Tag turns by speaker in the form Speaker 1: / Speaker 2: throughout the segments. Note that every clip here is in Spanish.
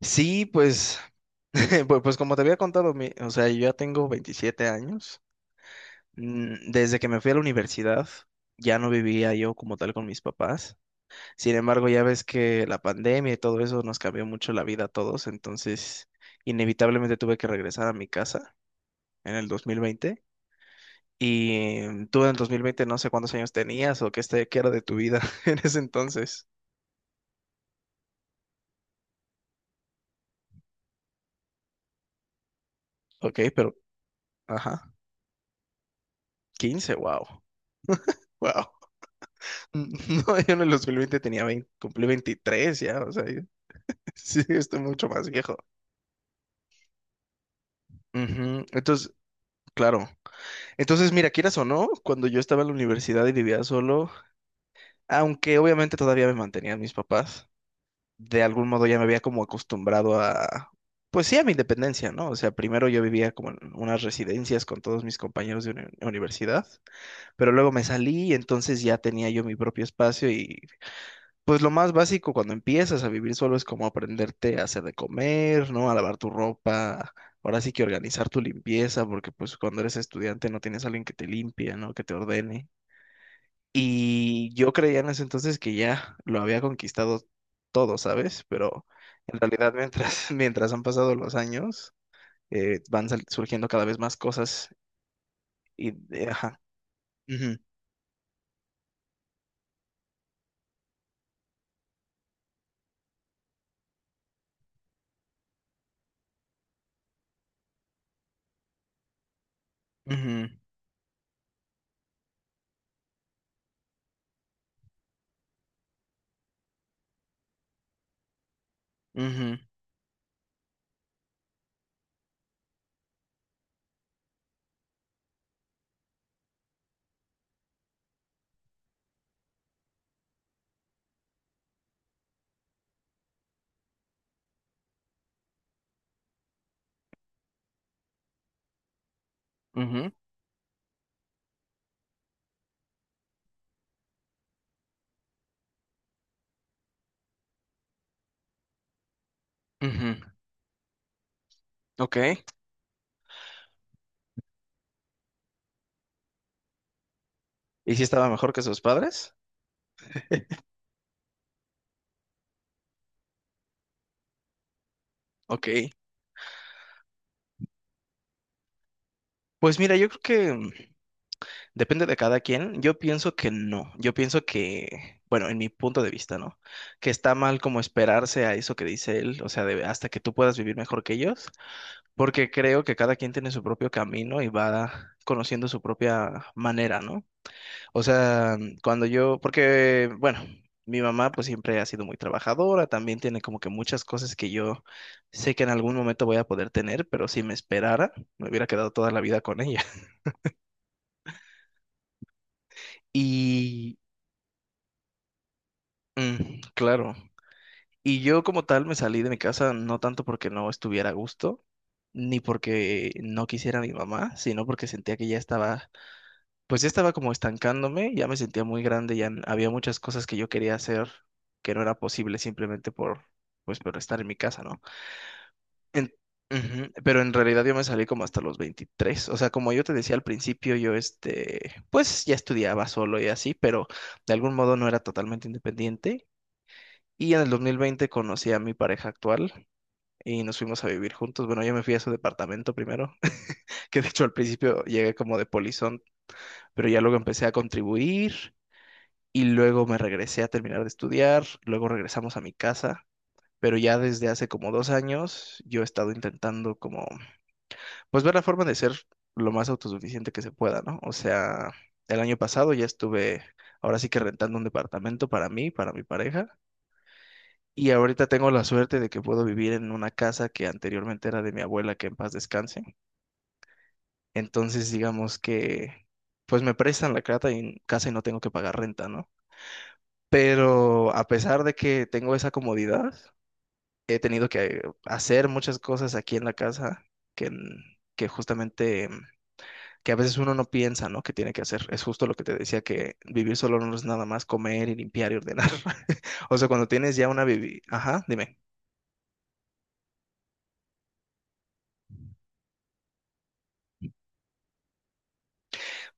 Speaker 1: Sí, pues, pues como te había contado, o sea, yo ya tengo 27 años. Desde que me fui a la universidad, ya no vivía yo como tal con mis papás. Sin embargo, ya ves que la pandemia y todo eso nos cambió mucho la vida a todos, entonces inevitablemente tuve que regresar a mi casa en el 2020. Y tú en el 2020 no sé cuántos años tenías o qué, qué era de tu vida en ese entonces. Ok, pero, ajá, 15, wow. Wow. Mm, No, yo en el 2020 tenía 20, cumplí 23 ya, o sea, sí, estoy mucho más viejo. Ujú, entonces, claro. Entonces, mira, quieras o no, cuando yo estaba en la universidad y vivía solo, aunque obviamente todavía me mantenían mis papás, de algún modo ya me había como acostumbrado a, pues sí, a mi independencia, ¿no? O sea, primero yo vivía como en unas residencias con todos mis compañeros de universidad, pero luego me salí y entonces ya tenía yo mi propio espacio y pues lo más básico cuando empiezas a vivir solo es como aprenderte a hacer de comer, ¿no? A lavar tu ropa. Ahora sí que organizar tu limpieza, porque pues cuando eres estudiante no tienes a alguien que te limpie, ¿no? Que te ordene. Y yo creía en ese entonces que ya lo había conquistado todo, ¿sabes? Pero en realidad mientras han pasado los años, van surgiendo cada vez más cosas y, ajá. Ujú, ujú, ujú, ujú, ujú. Ok. ¿Y si estaba mejor que sus padres? Ok. Pues mira, yo creo que depende de cada quien. Yo pienso que no. Yo pienso que, bueno, en mi punto de vista, ¿no? Que está mal como esperarse a eso que dice él, o sea, hasta que tú puedas vivir mejor que ellos, porque creo que cada quien tiene su propio camino y va conociendo su propia manera, ¿no? O sea, cuando yo, porque, bueno, mi mamá pues siempre ha sido muy trabajadora, también tiene como que muchas cosas que yo sé que en algún momento voy a poder tener, pero si me esperara, me hubiera quedado toda la vida con ella. Y claro, y yo como tal me salí de mi casa no tanto porque no estuviera a gusto, ni porque no quisiera a mi mamá, sino porque sentía que ya estaba, pues ya estaba como estancándome, ya me sentía muy grande, ya había muchas cosas que yo quería hacer que no era posible simplemente por, pues por estar en mi casa, ¿no? En- Ujú. Pero en realidad yo me salí como hasta los 23, o sea, como yo te decía al principio, yo pues ya estudiaba solo y así, pero de algún modo no era totalmente independiente. Y en el 2020 conocí a mi pareja actual y nos fuimos a vivir juntos. Bueno, yo me fui a su departamento primero, que de hecho al principio llegué como de polizón, pero ya luego empecé a contribuir y luego me regresé a terminar de estudiar, luego regresamos a mi casa. Pero ya desde hace como 2 años yo he estado intentando como, pues ver la forma de ser lo más autosuficiente que se pueda, ¿no? O sea, el año pasado ya estuve, ahora sí que rentando un departamento para mí, para mi pareja. Y ahorita tengo la suerte de que puedo vivir en una casa que anteriormente era de mi abuela, que en paz descanse. Entonces, digamos que, pues me prestan la casa y no tengo que pagar renta, ¿no? Pero a pesar de que tengo esa comodidad, he tenido que hacer muchas cosas aquí en la casa que justamente, que a veces uno no piensa, ¿no? Que tiene que hacer. Es justo lo que te decía, que vivir solo no es nada más comer y limpiar y ordenar. O sea, cuando tienes ya una vivi... Ajá, dime.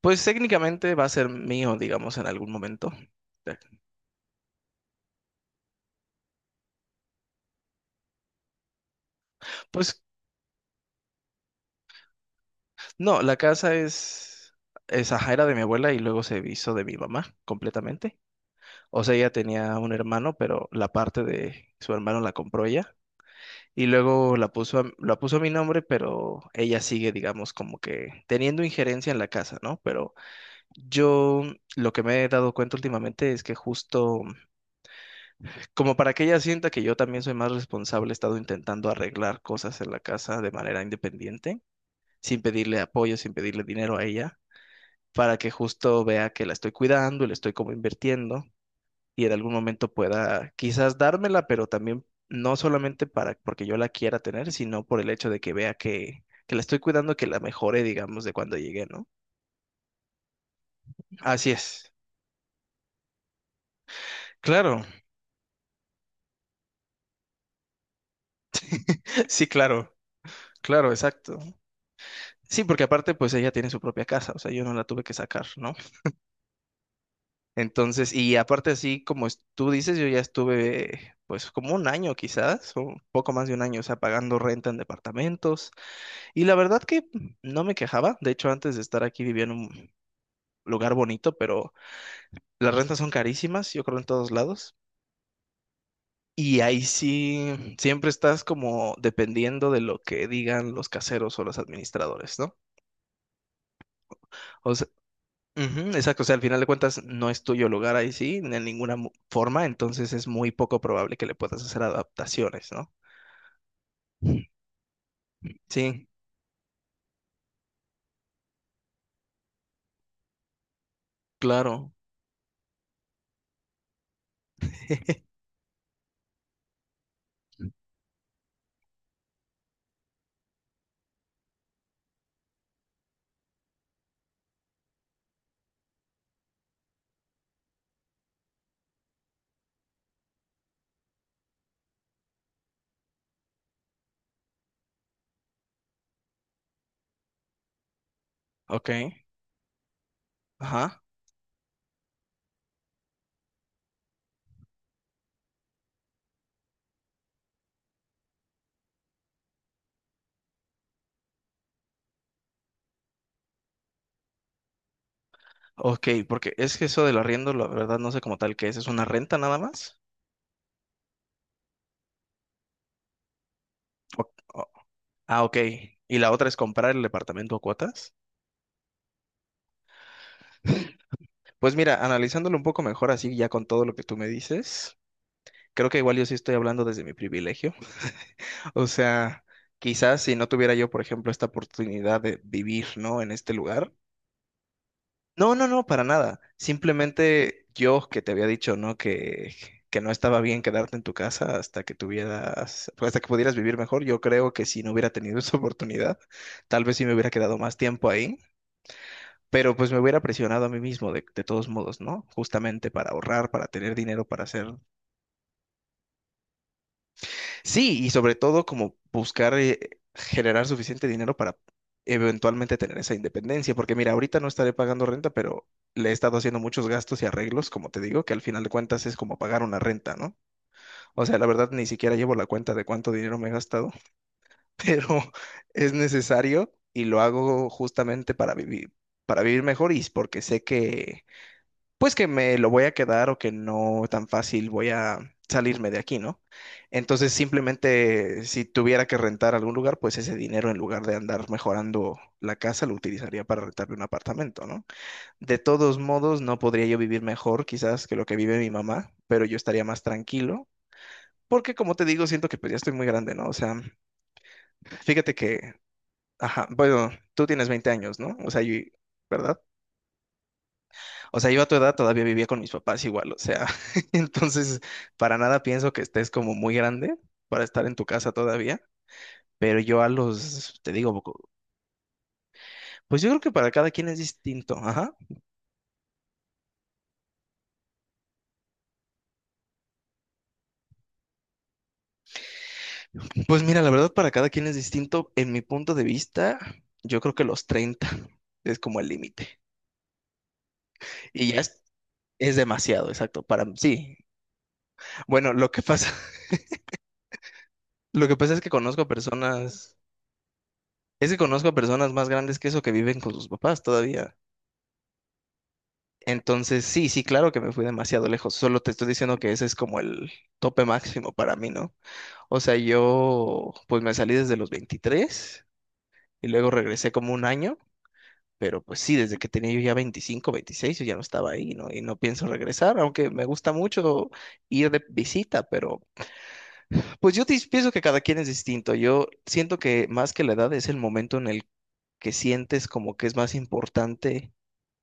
Speaker 1: Pues técnicamente va a ser mío, digamos, en algún momento. Pues no, la casa era de mi abuela y luego se hizo de mi mamá completamente. O sea, ella tenía un hermano, pero la parte de su hermano la compró ella y luego la puso a mi nombre, pero ella sigue, digamos, como que teniendo injerencia en la casa, ¿no? Pero yo lo que me he dado cuenta últimamente es que justo como para que ella sienta que yo también soy más responsable, he estado intentando arreglar cosas en la casa de manera independiente, sin pedirle apoyo, sin pedirle dinero a ella, para que justo vea que la estoy cuidando y la estoy como invirtiendo y en algún momento pueda quizás dármela, pero también no solamente para porque yo la quiera tener, sino por el hecho de que vea que la estoy cuidando, que la mejore, digamos, de cuando llegué, ¿no? Así es. Claro, sí, claro, claro, exacto. Sí, porque aparte, pues ella tiene su propia casa, o sea, yo no la tuve que sacar, ¿no? Entonces, y aparte así como tú dices, yo ya estuve pues como un año quizás, o un poco más de un año, o sea, pagando renta en departamentos. Y la verdad que no me quejaba. De hecho, antes de estar aquí vivía en un lugar bonito, pero las rentas son carísimas, yo creo en todos lados. Y ahí sí, siempre estás como dependiendo de lo que digan los caseros o los administradores, ¿no? O sea, ujú, exacto, o sea, al final de cuentas no es tuyo el lugar ahí sí, de ninguna forma, entonces es muy poco probable que le puedas hacer adaptaciones, ¿no? Sí, claro. Ok, ajá. Ok, porque es que eso del arriendo, la verdad no sé como tal qué ¿es una renta nada más? O- o- ah, ok. ¿Y la otra es comprar el departamento a cuotas? Pues mira, analizándolo un poco mejor así ya con todo lo que tú me dices. Creo que igual yo sí estoy hablando desde mi privilegio. O sea, quizás si no tuviera yo, por ejemplo, esta oportunidad de vivir, ¿no? En este lugar. No, no, no, para nada. Simplemente yo que te había dicho, ¿no? Que no estaba bien quedarte en tu casa hasta que tuvieras, pues, hasta que pudieras vivir mejor. Yo creo que si no hubiera tenido esa oportunidad, tal vez sí me hubiera quedado más tiempo ahí. Pero pues me hubiera presionado a mí mismo de todos modos, ¿no? Justamente para ahorrar, para tener dinero, para hacer. Sí, y sobre todo como buscar generar suficiente dinero para eventualmente tener esa independencia, porque mira, ahorita no estaré pagando renta, pero le he estado haciendo muchos gastos y arreglos, como te digo, que al final de cuentas es como pagar una renta, ¿no? O sea, la verdad ni siquiera llevo la cuenta de cuánto dinero me he gastado, pero es necesario y lo hago justamente para vivir mejor y es porque sé que pues que me lo voy a quedar o que no tan fácil voy a salirme de aquí, ¿no? Entonces, simplemente si tuviera que rentar algún lugar, pues ese dinero en lugar de andar mejorando la casa lo utilizaría para rentarme un apartamento, ¿no? De todos modos, no podría yo vivir mejor quizás que lo que vive mi mamá, pero yo estaría más tranquilo. Porque como te digo, siento que pues ya estoy muy grande, ¿no? O sea, fíjate que, ajá, bueno, tú tienes 20 años, ¿no? O sea, yo, ¿verdad? O sea, yo a tu edad todavía vivía con mis papás igual, o sea, entonces para nada pienso que estés como muy grande para estar en tu casa todavía, pero yo a los, te digo, pues yo creo que para cada quien es distinto, ajá. Pues mira, la verdad para cada quien es distinto, en mi punto de vista, yo creo que los 30 es como el límite. Y ya es demasiado, exacto, para sí. Bueno, lo que pasa, lo que pasa es que conozco a personas más grandes que eso que viven con sus papás todavía. Entonces, sí, sí, claro que me fui demasiado lejos. Solo te estoy diciendo que ese es como el tope máximo para mí, ¿no? O sea, yo pues me salí desde los 23 y luego regresé como un año, pero pues sí, desde que tenía yo ya 25, 26, yo ya no estaba ahí, ¿no? Y no pienso regresar, aunque me gusta mucho ir de visita, pero pues yo pienso que cada quien es distinto. Yo siento que más que la edad es el momento en el que sientes como que es más importante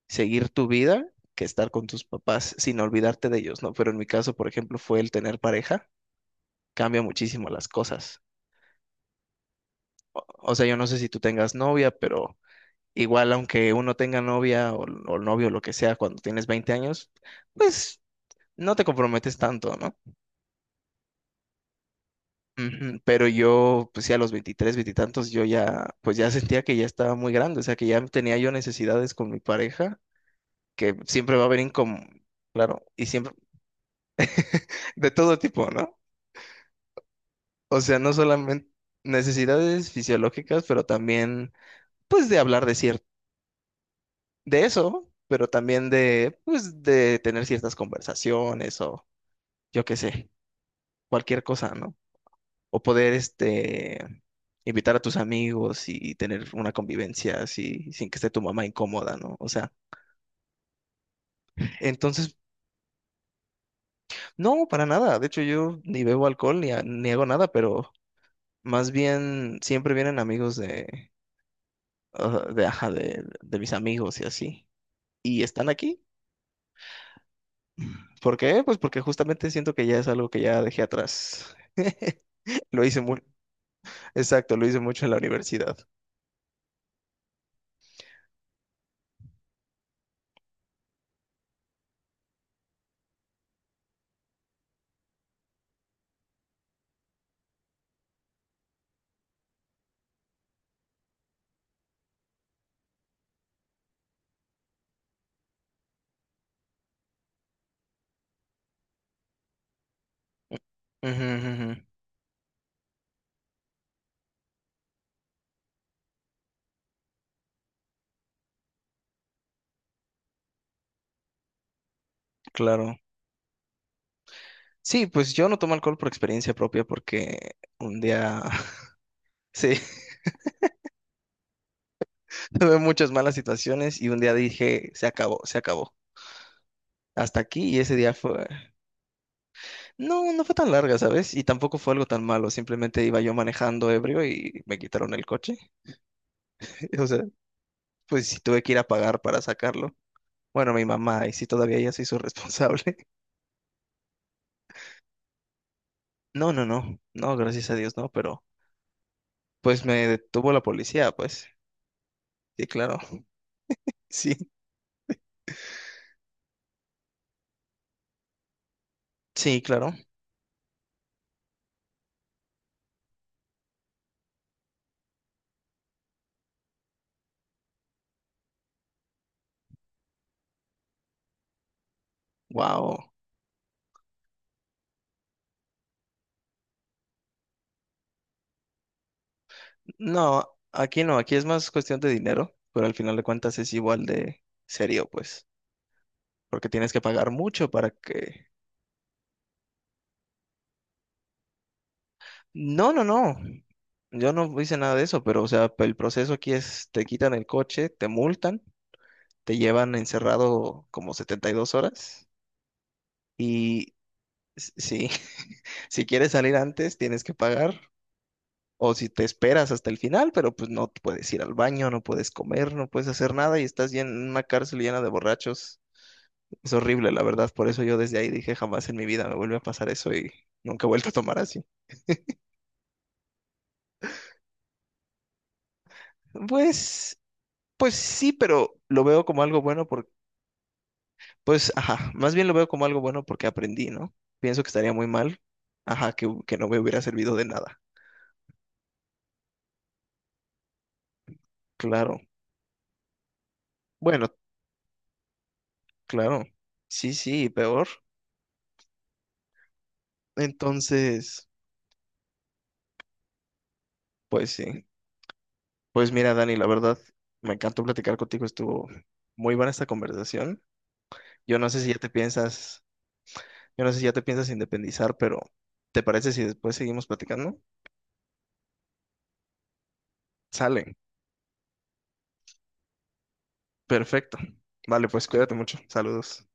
Speaker 1: seguir tu vida que estar con tus papás sin olvidarte de ellos, ¿no? Pero en mi caso, por ejemplo, fue el tener pareja, cambia muchísimo las cosas. O sea, yo no sé si tú tengas novia, pero igual aunque uno tenga novia o novio, lo que sea, cuando tienes 20 años, pues no te comprometes tanto, ¿no? Ujú. Pero yo, pues sí, a los 23, 20 tantos, yo ya, pues ya sentía que ya estaba muy grande, o sea, que ya tenía yo necesidades con mi pareja, que siempre va a haber incom... Claro, y siempre, de todo tipo, ¿no? O sea, no solamente necesidades fisiológicas, pero también, pues, de hablar de cierto, de eso, pero también de tener ciertas conversaciones o yo qué sé, cualquier cosa, ¿no? O poder, este, invitar a tus amigos y tener una convivencia así, sin que esté tu mamá incómoda, ¿no? O sea, entonces, no, para nada. De hecho, yo ni bebo alcohol ni, ni hago nada, pero más bien siempre vienen amigos de, ah, de, ajá, de mis amigos y así, y están aquí. ¿Por qué? Pues porque justamente siento que ya es algo que ya dejé atrás. Lo hice muy, exacto, lo hice mucho en la universidad. Ujú, ujú, ujú. Claro. Sí, pues yo no tomo alcohol por experiencia propia porque un día, sí, tuve muchas malas situaciones y un día dije, se acabó, se acabó. Hasta aquí y ese día fue... No, no fue tan larga, ¿sabes? Y tampoco fue algo tan malo, simplemente iba yo manejando ebrio y me quitaron el coche. O sea, pues sí tuve que ir a pagar para sacarlo. Bueno, mi mamá, y sí todavía ella se hizo responsable. No, no, no, no, gracias a Dios, no, pero pues me detuvo la policía, pues. Sí, claro. Sí, sí, claro. Wow. No, aquí no, aquí es más cuestión de dinero, pero al final de cuentas es igual de serio, pues, porque tienes que pagar mucho para que... No, no, no. Yo no hice nada de eso, pero o sea, el proceso aquí es, te quitan el coche, te multan, te llevan encerrado como 72 horas y sí, si quieres salir antes tienes que pagar o si te esperas hasta el final, pero pues no puedes ir al baño, no puedes comer, no puedes hacer nada y estás en una cárcel llena de borrachos. Es horrible, la verdad, por eso yo desde ahí dije jamás en mi vida me vuelve a pasar eso y nunca he vuelto a tomar así. Pues, pues sí, pero lo veo como algo bueno. Pues, ajá, más bien lo veo como algo bueno porque aprendí, ¿no? Pienso que estaría muy mal, ajá, que no me hubiera servido de nada. Claro. Bueno, claro. Sí, sí, peor. Entonces, pues sí. Pues mira, Dani, la verdad, me encantó platicar contigo, estuvo muy buena esta conversación. Yo no sé si ya te piensas, yo no sé si ya te piensas independizar, pero ¿te parece si después seguimos platicando? Sale. Perfecto. Vale, pues cuídate mucho. Saludos.